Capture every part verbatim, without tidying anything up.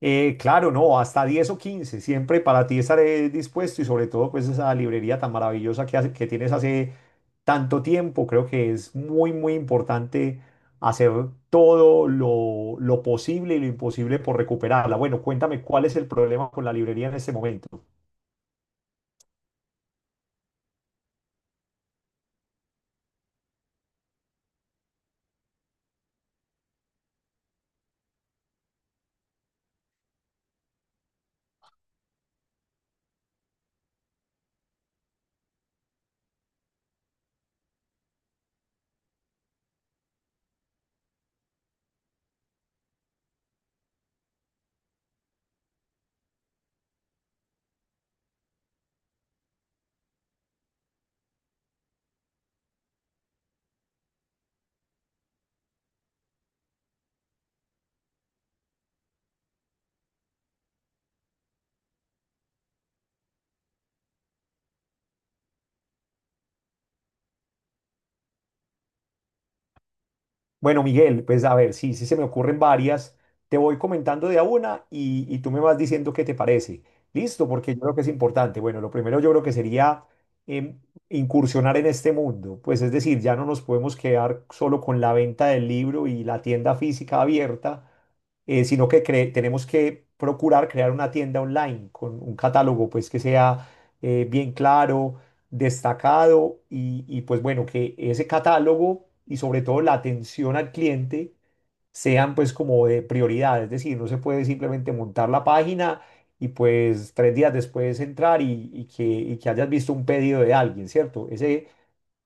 Eh, claro, no, hasta diez o quince, siempre para ti estaré dispuesto y sobre todo pues esa librería tan maravillosa que, hace- que tienes hace tanto tiempo, creo que es muy, muy importante hacer todo lo, lo posible y lo imposible por recuperarla. Bueno, cuéntame cuál es el problema con la librería en este momento. Bueno, Miguel, pues a ver, sí, sí se me ocurren varias. Te voy comentando de a una y, y tú me vas diciendo qué te parece. Listo, porque yo creo que es importante. Bueno, lo primero yo creo que sería em, incursionar en este mundo. Pues es decir, ya no nos podemos quedar solo con la venta del libro y la tienda física abierta, eh, sino que cre- tenemos que procurar crear una tienda online con un catálogo pues que sea eh, bien claro, destacado y, y, pues bueno, que ese catálogo y sobre todo la atención al cliente sean pues como de prioridad, es decir, no se puede simplemente montar la página y pues tres días después entrar y, y que, y que hayas visto un pedido de alguien, ¿cierto? Ese,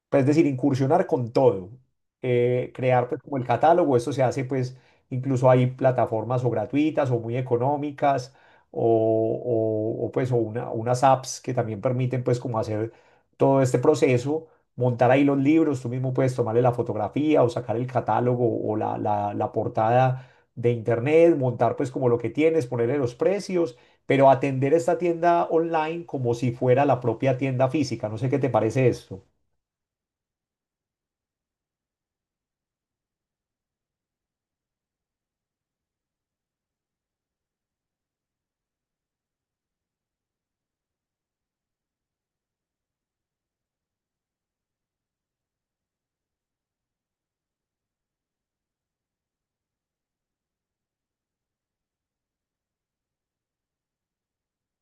pues, es decir, incursionar con todo, eh, crear pues como el catálogo. Esto se hace pues, incluso hay plataformas o gratuitas o muy económicas o, o- o, pues o una- unas apps que también permiten pues como hacer todo este proceso, montar ahí los libros, tú mismo puedes tomarle la fotografía o sacar el catálogo o la, la, la portada de internet, montar pues como lo que tienes, ponerle los precios. Pero atender esta tienda online como si fuera la propia tienda física. No sé qué te parece esto.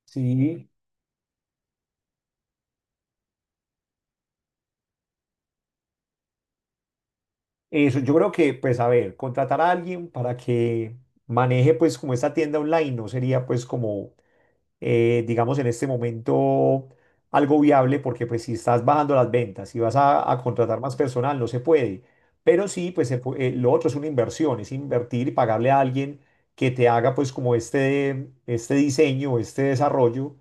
Sí, eso yo creo que, pues a ver, contratar a alguien para que maneje pues como esta tienda online no sería pues como, eh, digamos, en este momento algo viable, porque pues si estás bajando las ventas, y vas a, a contratar más personal, no se puede. Pero sí, pues se pu- eh, lo otro es una inversión, es invertir y pagarle a alguien que te haga pues como este, este diseño, este desarrollo,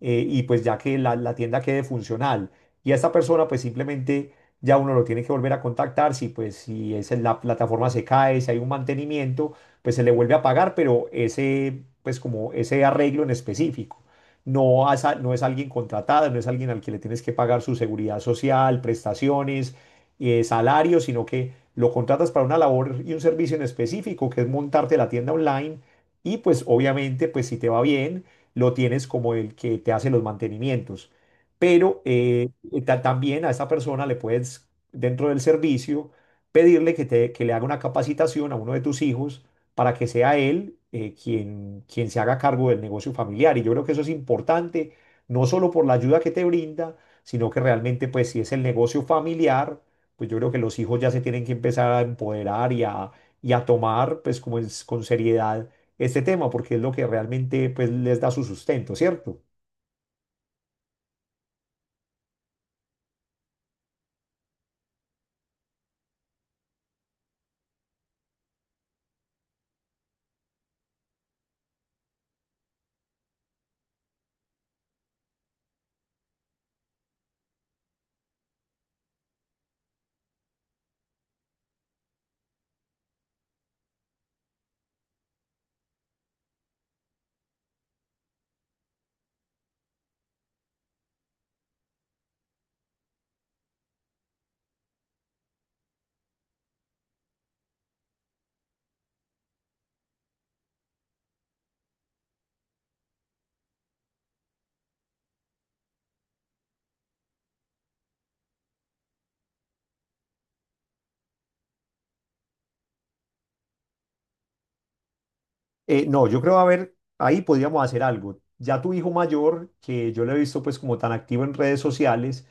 eh, y pues ya que la, la tienda quede funcional. Y a esta persona pues simplemente ya uno lo tiene que volver a contactar si pues, si es en la plataforma, se cae, si hay un mantenimiento, pues se le vuelve a pagar, pero ese, pues como ese arreglo en específico. No, as- no es alguien contratado, no es alguien al que le tienes que pagar su seguridad social, prestaciones, eh, salario, sino que lo contratas para una labor y un servicio en específico, que es montarte la tienda online y pues obviamente, pues si te va bien, lo tienes como el que te hace los mantenimientos. Pero eh, eh, ta- también a esa persona le puedes, dentro del servicio, pedirle que, te, que le haga una capacitación a uno de tus hijos para que sea él, eh, quien, quien se haga cargo del negocio familiar. Y yo creo que eso es importante, no solo por la ayuda que te brinda, sino que realmente, pues si es el negocio familiar, pues yo creo que los hijos ya se tienen que empezar a empoderar y a, y a tomar pues como es, con seriedad, este tema, porque es lo que realmente, pues, les da su sustento, ¿cierto? Eh, no, yo creo, a ver, ahí podríamos hacer algo. Ya tu hijo mayor, que yo lo he visto pues como tan activo en redes sociales,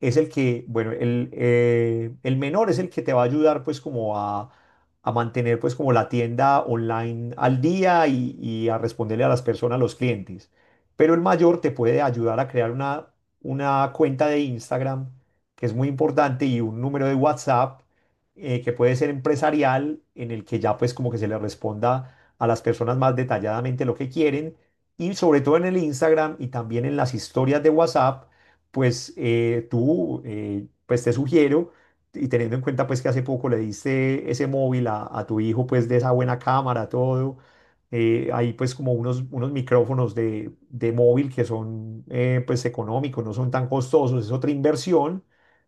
es el que, bueno, el, eh, el menor es el que te va a ayudar pues como a, a mantener pues como la tienda online al día y, y a responderle a las personas, a los clientes. Pero el mayor te puede ayudar a crear una, una cuenta de Instagram, que es muy importante, y un número de WhatsApp, eh, que puede ser empresarial, en el que ya pues como que se le responda a las personas más detalladamente lo que quieren y sobre todo en el Instagram y también en las historias de WhatsApp, pues eh, tú, eh, pues te sugiero, y teniendo en cuenta pues que hace poco le diste ese móvil a, a tu hijo pues, de esa buena cámara, todo, eh, hay pues como unos, unos micrófonos de, de móvil que son, eh, pues económicos, no son tan costosos, es otra inversión,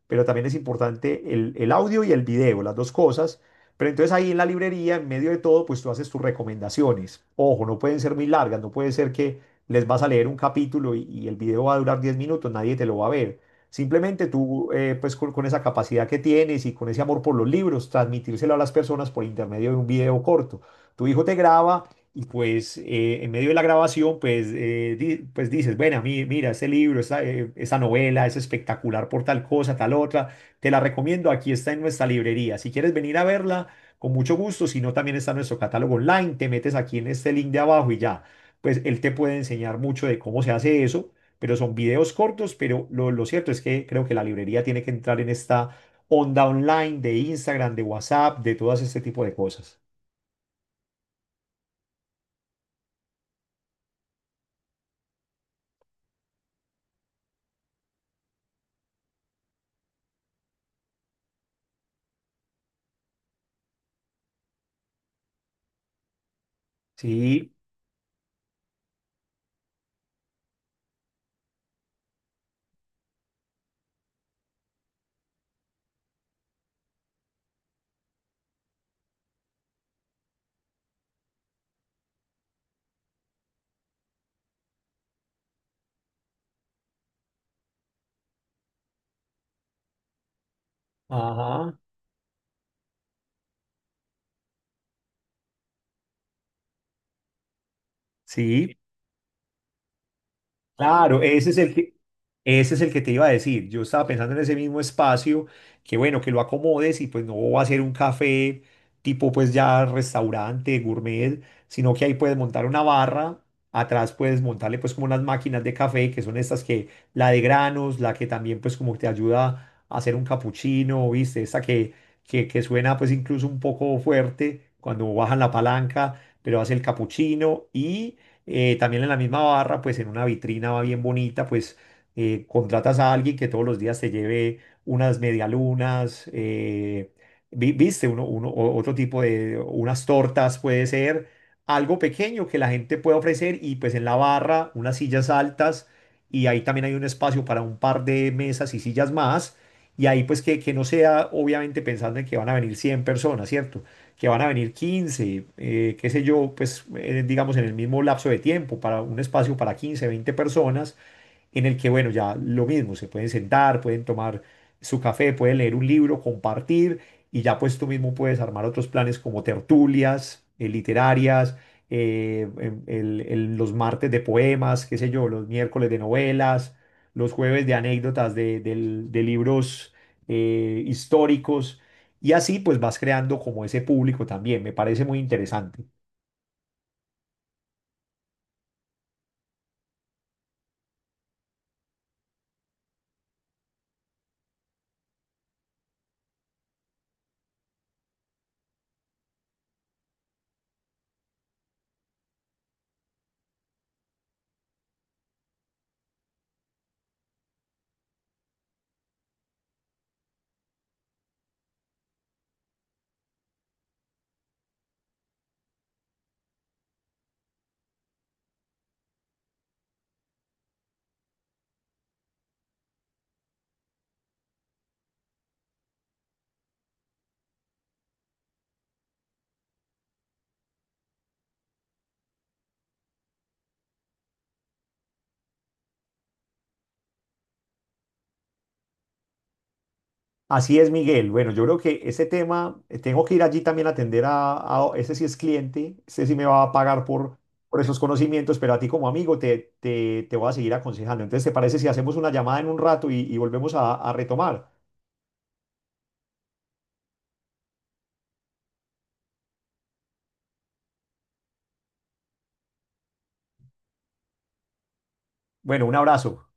pero también es importante el, el audio y el video, las dos cosas. Pero entonces ahí en la librería, en medio de todo, pues tú haces tus recomendaciones. Ojo, no pueden ser muy largas, no puede ser que les vas a leer un capítulo y, y el video va a durar diez minutos, nadie te lo va a ver. Simplemente tú, eh, pues con, con esa capacidad que tienes y con ese amor por los libros, transmitírselo a las personas por intermedio de un video corto. Tu hijo te graba y pues, eh, en medio de la grabación, pues, eh, di- pues dices, bueno, mi- mira, este libro, esta, eh, esta novela es espectacular por tal cosa, tal otra, te la recomiendo, aquí está en nuestra librería. Si quieres venir a verla, con mucho gusto, si no, también está nuestro catálogo online. Te metes aquí en este link de abajo y ya, pues él te puede enseñar mucho de cómo se hace eso, pero son videos cortos. Pero lo, lo cierto es que creo que la librería tiene que entrar en esta onda online, de Instagram, de WhatsApp, de todas este tipo de cosas. Sí, ajá, sí. Claro, ese es el que, ese es el que te iba a decir. Yo estaba pensando en ese mismo espacio, que bueno, que lo acomodes, y pues no va a ser un café tipo pues ya restaurante, gourmet, sino que ahí puedes montar una barra, atrás puedes montarle pues como unas máquinas de café, que son estas que, la de granos, la que también pues como te ayuda a hacer un capuchino, ¿viste? Esta que, que, que suena pues incluso un poco fuerte cuando bajan la palanca, pero hace el capuchino. Y eh, también en la misma barra, pues en una vitrina va bien bonita, pues eh, contratas a alguien que todos los días te lleve unas medialunas, eh, vi- viste, uno, uno, o- otro tipo de, unas tortas puede ser, algo pequeño que la gente pueda ofrecer, y pues en la barra unas sillas altas, y ahí también hay un espacio para un par de mesas y sillas más, y ahí pues que, que no sea obviamente pensando en que van a venir cien personas, ¿cierto? Que van a venir quince, eh, qué sé yo, pues, eh, digamos, en el mismo lapso de tiempo, para un espacio para quince, veinte personas, en el que, bueno, ya lo mismo, se pueden sentar, pueden tomar su café, pueden leer un libro, compartir. Y ya pues tú mismo puedes armar otros planes como tertulias, eh, literarias, eh, em- el- el- los martes de poemas, qué sé yo, los miércoles de novelas, los jueves de anécdotas de, del- de libros, eh, históricos, y así pues vas creando como ese público también. Me parece muy interesante. Así es, Miguel. Bueno, yo creo que ese tema, eh, tengo que ir allí también a atender a, a- ese sí es cliente, ese sí me va a pagar por, por, esos conocimientos, pero a ti como amigo te, te, te voy a seguir aconsejando. Entonces, ¿te parece si hacemos una llamada en un rato y, y volvemos a a retomar? Bueno, un abrazo.